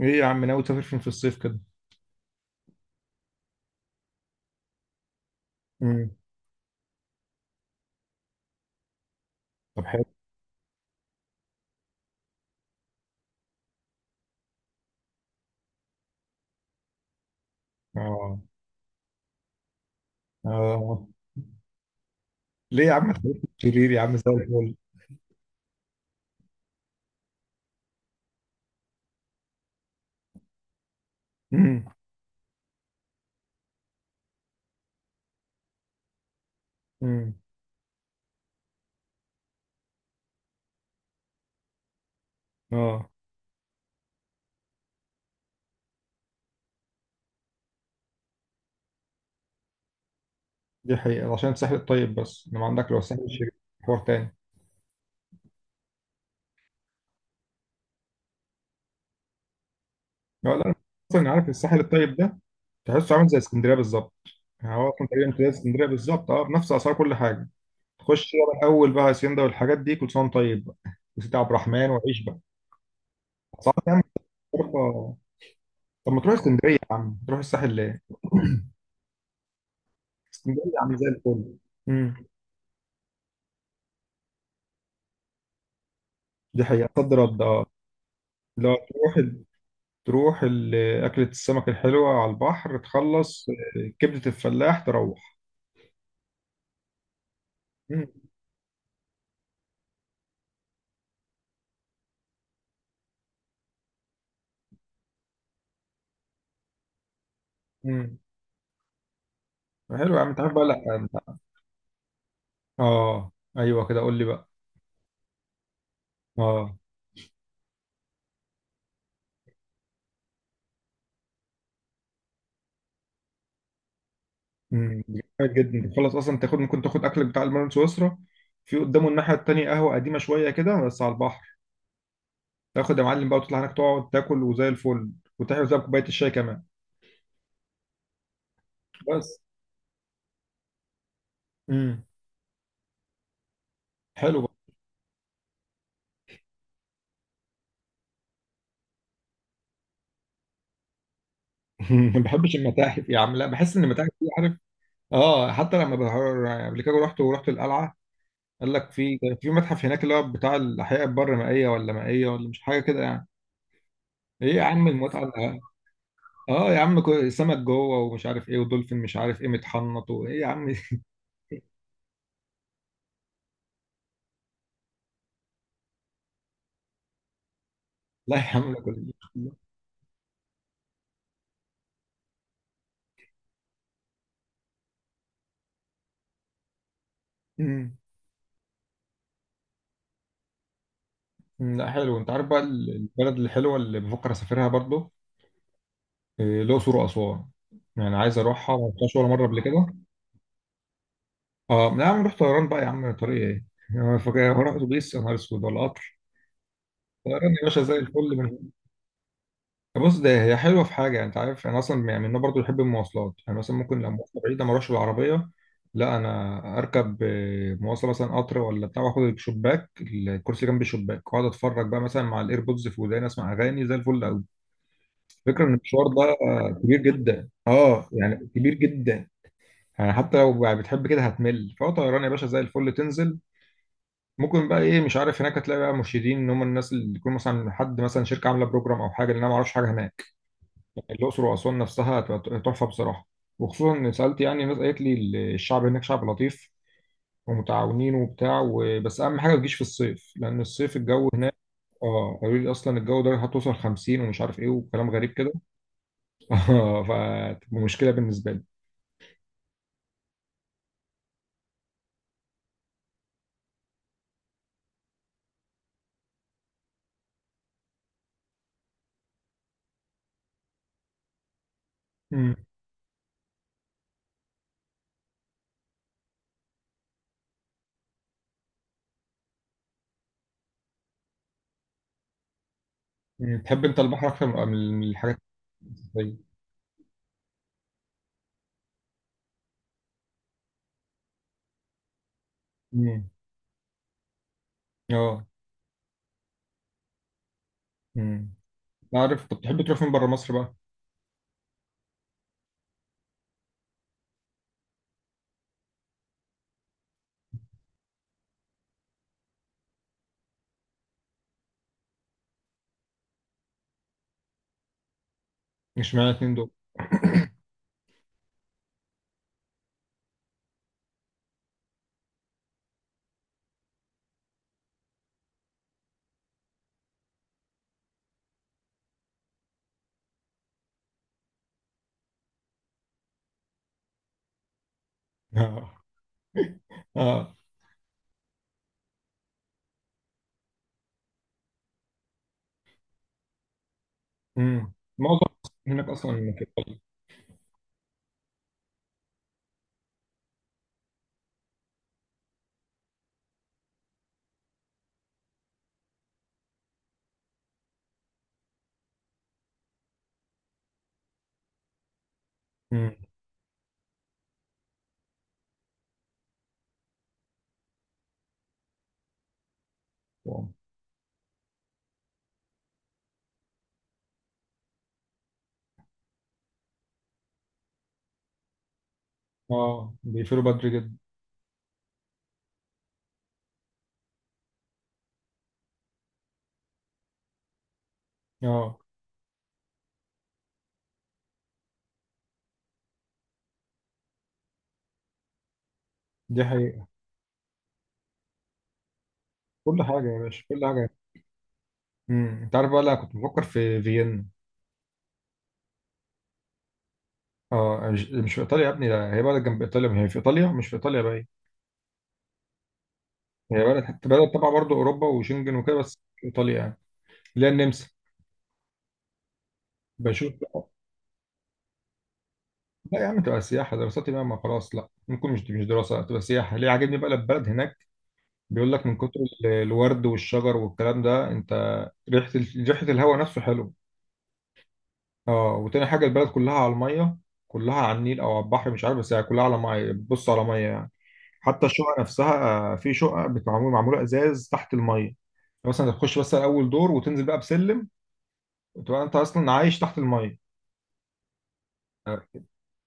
ايه يا عم، ناوي تسافر فين في الصيف كده؟ امم طب حلو. اه. اه. ليه يا عم تخليك شرير يا عم؟ زي الفل. امم امم اه، دي حقيقة عشان الساحل الطيب بس، انما عندك لو الساحل الشرير حوار تاني. لا لا، اصلا عارف الساحل الطيب ده، تحسه عامل زي اسكندرية بالظبط. يعني هو اصلا تقريبا زي اسكندرية بالظبط، اه، بنفس اسعار كل حاجة. تخش بقى الاول بقى هاسيندا والحاجات دي كل سنة وأنت طيب بقى، وسيدي عبد الرحمن وعيش بقى. صعب يا عم. تروح- آه. طب ما تروح اسكندرية يا عم، تروح الساحل ليه؟ اسكندرية يا عم زي الفل. امم دي حقيقة، صد رد، اه. لو تروح تروح ال- أكلة السمك الحلوة على البحر تخلص كبدة الفلاح تروح. مم. مم. حلو يا عم، انت عارف بقى لا. أنت- اه، ايوه كده قول لي بقى. اه. جامد جدا، تخلص اصلا تاخد، ممكن تاخد اكلك بتاع المرن سويسرا، في قدامه الناحية التانية قهوة قديمة شوية كده بس على البحر، تاخد يا معلم بقى وتطلع هناك تقعد تاكل وزي الفل، وتحلو زي كوباية الشاي كمان. بس. امم حلو بقى. ما بحبش المتاحف يا عم، لا بحس ان المتاحف دي عارف. اه حتى لما قبل كده رحت، ورحت القلعه قال لك في، كان في متحف هناك اللي هو بتاع الاحياء البر مائيه ولا مائيه ولا مش حاجه كده يعني. ايه يا عم المتعه اه يا عم، سمك جوه ومش عارف ايه، ودولفين مش عارف ايه متحنط، وايه يا عم لا يا عم ده كله. أمم. أمم، لا حلو، انت عارف بقى البلد الحلوه اللي بفكر اسافرها برضو؟ إيه، الاقصر واسوان، يعني عايز اروحها، ما رحتهاش ولا مره قبل كده. اه لا يا عم، رحت طيران بقى يا عم، طريق ايه يعني فاكر هروح اتوبيس يا نهار اسود، ولا قطر؟ طيران يا باشا زي الفل. بص، ده هي حلوه في حاجه، انت عارف انا اصلا يعني من النوع برضه بحب المواصلات، انا مثلا ممكن لو مواصله بعيده ما اروحش بالعربيه، لا انا اركب مواصله مثلا قطر ولا بتاع، واخد الشباك، الكرسي جنب الشباك، واقعد اتفرج بقى مثلا مع الايربودز في وداني، اسمع اغاني زي الفل قوي. الفكره ان المشوار ده كبير جدا، اه يعني كبير جدا. يعني حتى لو يعني بتحب كده هتمل، فهو طيران يا باشا زي الفل تنزل. ممكن بقى ايه، مش عارف، هناك هتلاقي بقى مرشدين ان هم الناس اللي يكون مثلا حد مثلا شركه عامله بروجرام او حاجه، لان انا ما اعرفش حاجه هناك. الأقصر وأسوان نفسها تحفة بصراحة. وخصوصا إن سألت يعني الناس قالت لي الشعب هناك شعب لطيف ومتعاونين وبتاع بس أهم حاجة ما تجيش في الصيف، لأن الصيف الجو هناك. اه قالوا لي أصلا الجو درجة هتوصل 50 ومش عارف إيه وكلام غريب كده فتبقى مشكلة بالنسبة لي. مم. مم. تحب أنت البحر أكتر من الحاجات الصيفية؟ مم. اه. مم. عارف، طب تحب تروح فين بره مصر بقى؟ مش معنى اتنين دول اه، اه. مم. معظم هناك أصلا كده. مم. اه بيقفلوا بدري جدا. اه دي حقيقة. كل حاجة يا باشا، كل حاجة. انت عارف بقى، لا كنت بفكر في فيينا. اه، مش في ايطاليا يا ابني، لا هي بلد جنب ايطاليا، ما هي في ايطاليا مش في ايطاليا بقى هي. هي بلد، حتى بلد تبع برضه اوروبا وشنجن وكده، بس مش في ايطاليا يعني، اللي هي النمسا. بشوف. لا يا عم تبقى سياحة، دراستي بقى ما خلاص، لا ممكن مش دراسة، تبقى سياحة. ليه؟ عاجبني بقى البلد هناك، بيقول لك من كتر الورد والشجر والكلام ده. انت ريحة ريحة الهواء نفسه حلو. اه، وتاني حاجة البلد كلها على المية، كلها على النيل أو على البحر مش عارف، بس هي كلها على مية بتبص على مية يعني. حتى الشقق نفسها في شقق بتعمل، معمولة إزاز تحت المية يعني، مثلا تخش بس أول دور وتنزل بقى بسلم، وتبقى أنت أصلا عايش تحت المية.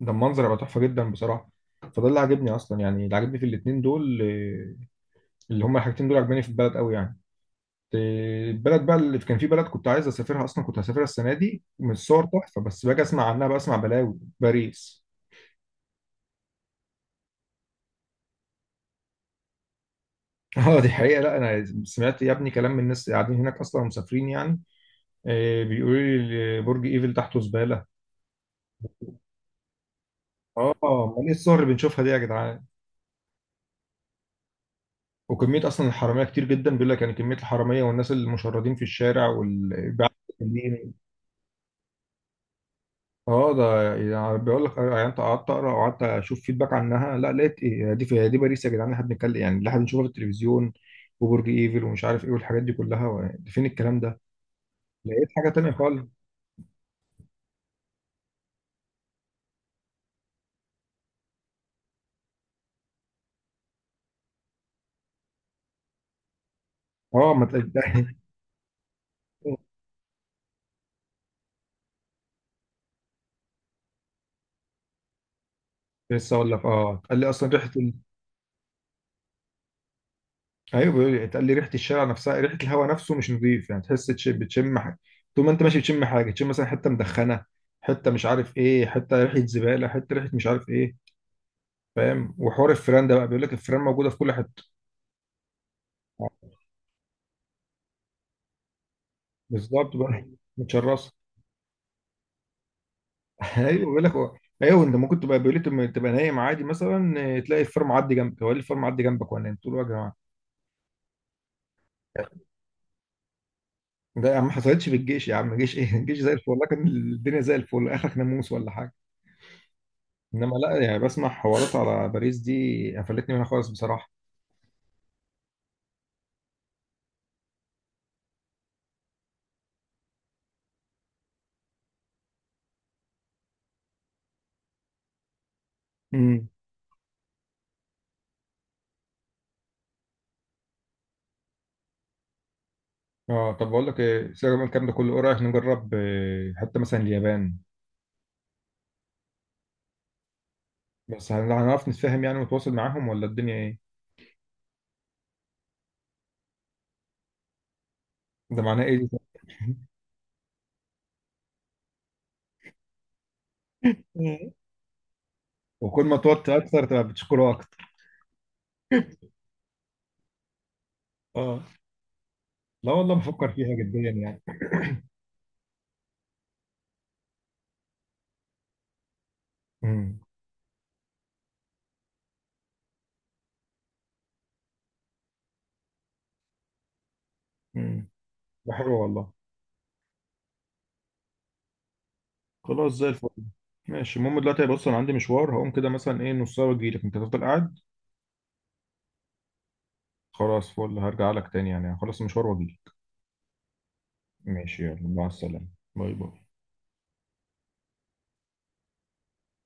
ده المنظر هيبقى تحفة جدا بصراحة. فده اللي عاجبني أصلا، يعني اللي عاجبني في الاتنين دول اللي هما الحاجتين دول عاجباني في البلد أوي يعني. البلد بقى اللي كان، في بلد كنت عايز أسافرها أصلا، كنت هسافرها السنة دي، من الصور تحفة، بس باجي أسمع عنها بسمع بلاوي: باريس. اه دي حقيقة، لا انا سمعت يا ابني كلام من الناس اللي قاعدين هناك اصلا ومسافرين يعني. بيقولوا لي برج ايفل تحته زبالة. اه، امال ايه الصور اللي بنشوفها دي يا جدعان؟ وكمية اصلا الحرامية كتير جدا بيقول لك، يعني كمية الحرامية والناس المشردين في الشارع والبيع. اه ده يعني بيقول لك يعني انت قعدت اقرا وقعدت اشوف فيدباك عنها، لا لقيت ايه، دي في دي باريس يا جدعان اللي احنا بنتكلم؟ يعني اللي احنا بنشوفها في التلفزيون وبرج ايفل ومش عارف ايه والحاجات دي كلها فين الكلام ده؟ لقيت حاجة تانية خالص. اه ما تلاقي. لسه اقول لك، اه قال لي اصلا ريحه ال... ايوه بيقول لي، قال لي ريحه الشارع نفسها، ريحه الهواء نفسه مش نظيف يعني، تحس بتشم حاجه. طول ما انت ماشي بتشم حاجه، تشم مثلا حته مدخنه، حته مش عارف ايه، حته ريحه زباله، حته ريحه مش عارف ايه. فاهم؟ وحوار الفيران ده بقى، بيقول لك الفيران موجوده في كل حته. بالظبط بقى. متشرسه. ايوه بيقول لك ايوه، انت ممكن تبقى، بيقول لي تبقى نايم عادي مثلا تلاقي الفيران معدي جنبك، هو إيه الفيران معدي جنبك وانا نايم؟ تقول له يا جماعه ده يا عم! ما حصلتش في الجيش يا عم، الجيش ايه الجيش زي الفل والله، كان الدنيا زي الفل، اخرك ناموس ولا حاجه. انما لا، يعني بسمع حوارات على باريس دي قفلتني منها خالص بصراحه. امم اه. طب بقول لك ايه، سيبك من الكلام ده كله، ايه رايك نجرب حتى مثلا اليابان؟ بس هنعرف نتفاهم يعني، ونتواصل معاهم، ولا الدنيا ايه؟ ده معناه ايه دي؟ مم. وكل ما توت اكتر تبقى بتشكره اكتر. اه. لا والله بفكر فيها جديا يعني. امم امم ده حلو والله. خلاص زي الفل. ماشي، المهم دلوقتي بص، انا عندي مشوار، هقوم كده مثلا ايه نص ساعه واجيلك، انت تفضل قاعد. خلاص فل، هرجع لك تاني يعني، خلاص المشوار واجيلك. ماشي، يلا مع السلامة. باي باي.